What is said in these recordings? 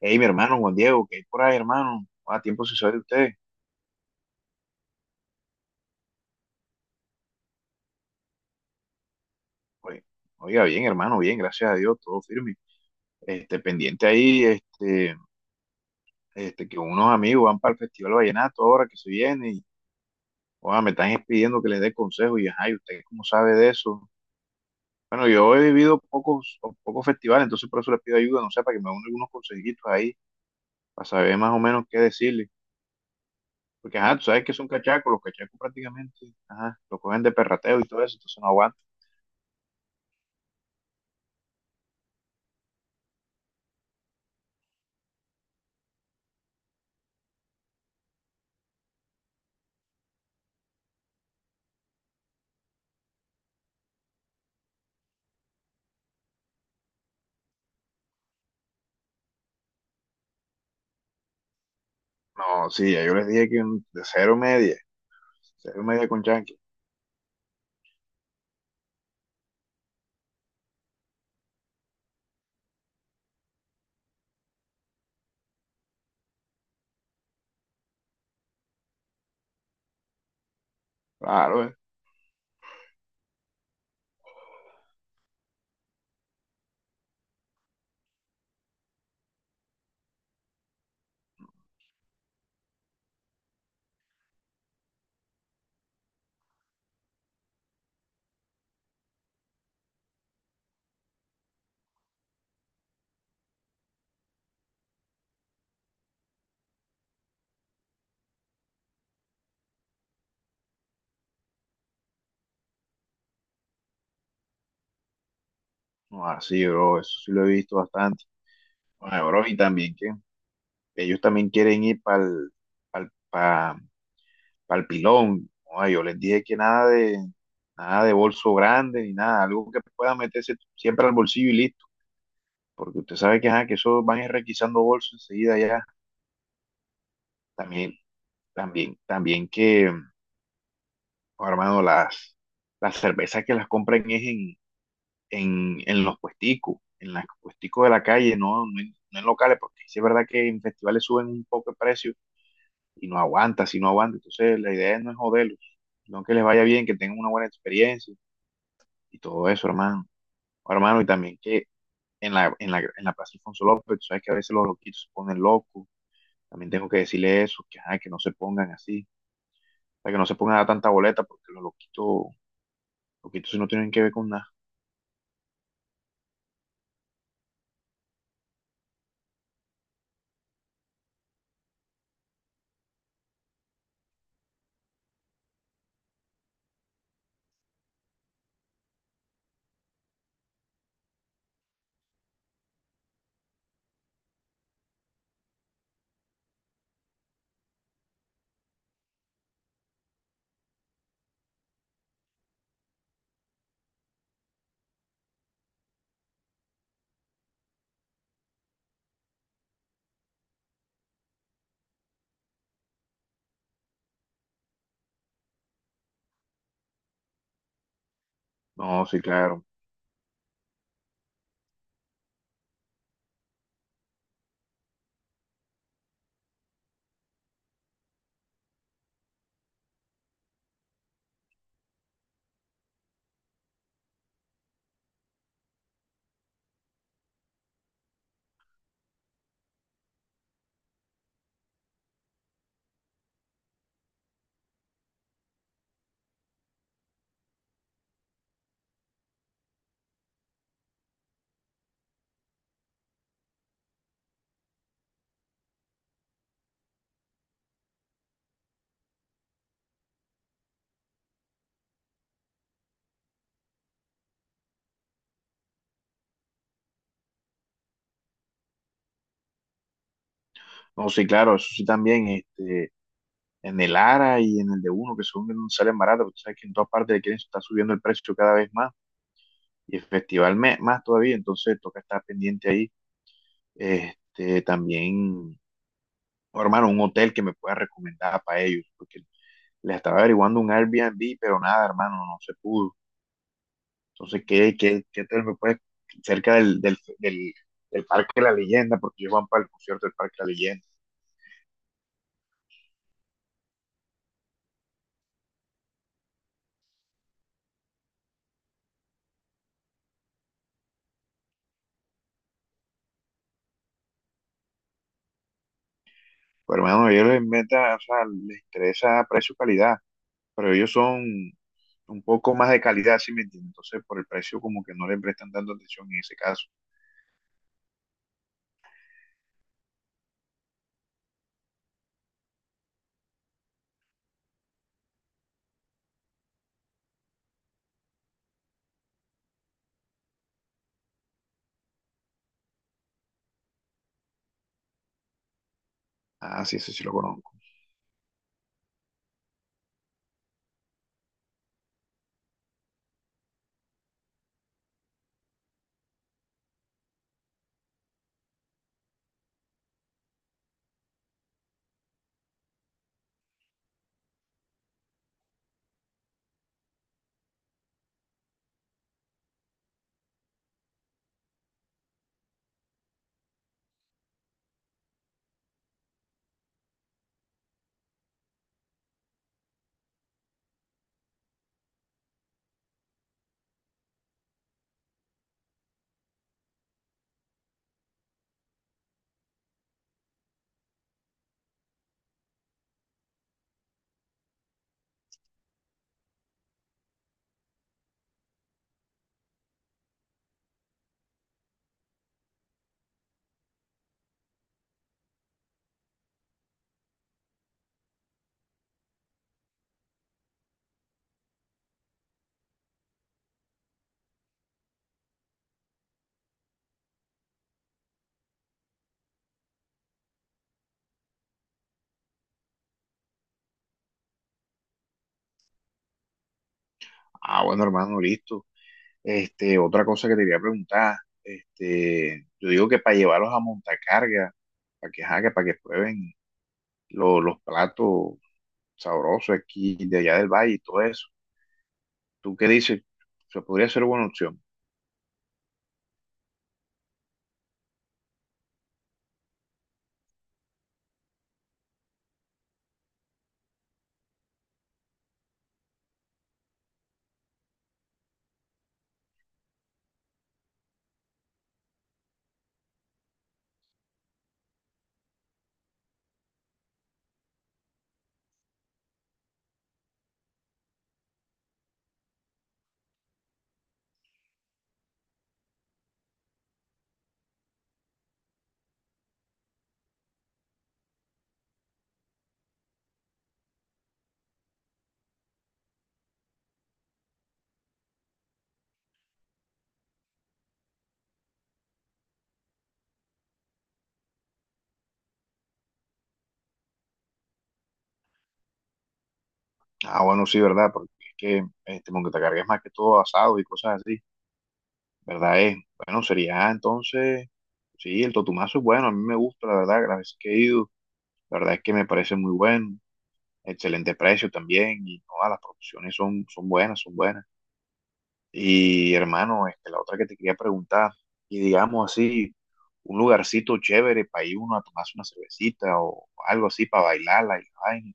Hey, mi hermano Juan Diego, ¿qué hay por ahí, hermano? A tiempo se sabe de usted. Oye, Oiga, bien, hermano, bien, gracias a Dios, todo firme. Pendiente ahí, que unos amigos van para el Festival Vallenato ahora que se viene y, oiga, me están pidiendo que les dé consejos y, ajá, y ¿usted cómo sabe de eso? Bueno, yo he vivido pocos, pocos festivales, entonces por eso les pido ayuda, no sé, para que me den algunos consejitos ahí, para saber más o menos qué decirle. Porque, ajá, tú sabes que son cachacos, los cachacos prácticamente, ajá, lo cogen de perrateo y todo eso, entonces no aguantan. No, sí, ya yo les dije que de cero media con Yankee. Claro, No, así, bro, eso sí lo he visto bastante. Bueno, bro, y también que ellos también quieren ir para el pilón. No, yo les dije que nada de bolso grande ni nada, algo que pueda meterse siempre al bolsillo y listo, porque usted sabe que, ajá, que eso van a ir requisando bolsos enseguida ya. También, también que, oh, hermano, las cervezas que las compren es en los puesticos de la calle, no en locales, porque sí es verdad que en festivales suben un poco el precio y no aguanta, si no aguanta. Entonces la idea no es joderlos, sino que les vaya bien, que tengan una buena experiencia y todo eso, hermano. Hermano, y también que en la Plaza Alfonso López, tú sabes que a veces los loquitos se ponen locos. También tengo que decirle eso, que, ajá, que no se pongan así, o sea, que no se pongan a dar tanta boleta, porque loquitos sí no tienen que ver con nada. No, sí, claro. No, sí, claro, eso sí también, en el ARA y en el de uno, que son que no salen baratas, porque tú sabes que en todas partes le quieren estar subiendo el precio cada vez más y el festival más todavía, entonces toca estar pendiente ahí. Este, también, oh, hermano, un hotel que me pueda recomendar para ellos, porque les estaba averiguando un Airbnb, pero nada, hermano, no se pudo. Entonces, ¿qué hotel me puede cerca del Parque de la Leyenda? Porque ellos van para el concierto del Parque de la Leyenda. Pero, hermano, a ellos les meta, o sea, les interesa precio-calidad. Pero ellos son un poco más de calidad, ¿sí me entiendes? Entonces, por el precio, como que no le prestan tanto atención en ese caso. Ah, sí, ese sí lo conozco. Ah, bueno, hermano, listo. Otra cosa que te quería preguntar, yo digo que para llevarlos a montacarga, para que, ajá, que para que prueben los platos sabrosos aquí de allá del valle y todo eso. ¿Tú qué dices? Se podría ser buena opción. Ah, bueno, sí, verdad, porque es que montacarga es más que todo asado y cosas así. ¿Verdad es? Bueno, sería entonces, sí, el totumazo es bueno, a mí me gusta, la verdad, las veces que he ido, la verdad es que me parece muy bueno, excelente precio también, y todas las proporciones son, son buenas, son buenas. Y hermano, la otra que te quería preguntar, y digamos así, un lugarcito chévere para ir uno a tomarse una cervecita o algo así para bailarla y la vaina.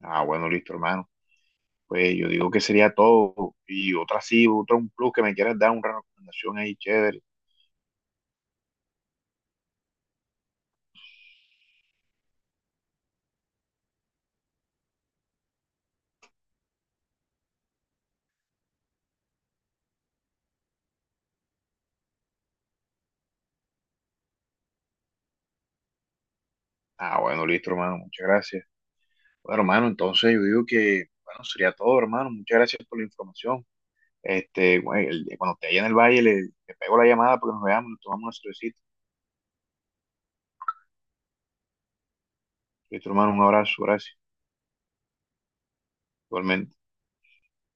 Ah, bueno, listo, hermano. Pues yo digo que sería todo, y otra sí, otro un plus que me quieras dar, una recomendación ahí chévere. Ah, bueno, listo, hermano, muchas gracias. Bueno, hermano, entonces yo digo que, bueno, sería todo, hermano. Muchas gracias por la información. Este, güey, cuando te haya en el valle, le pego la llamada porque nos veamos, nos tomamos una cervecita. Listo, hermano, un abrazo, gracias. Igualmente.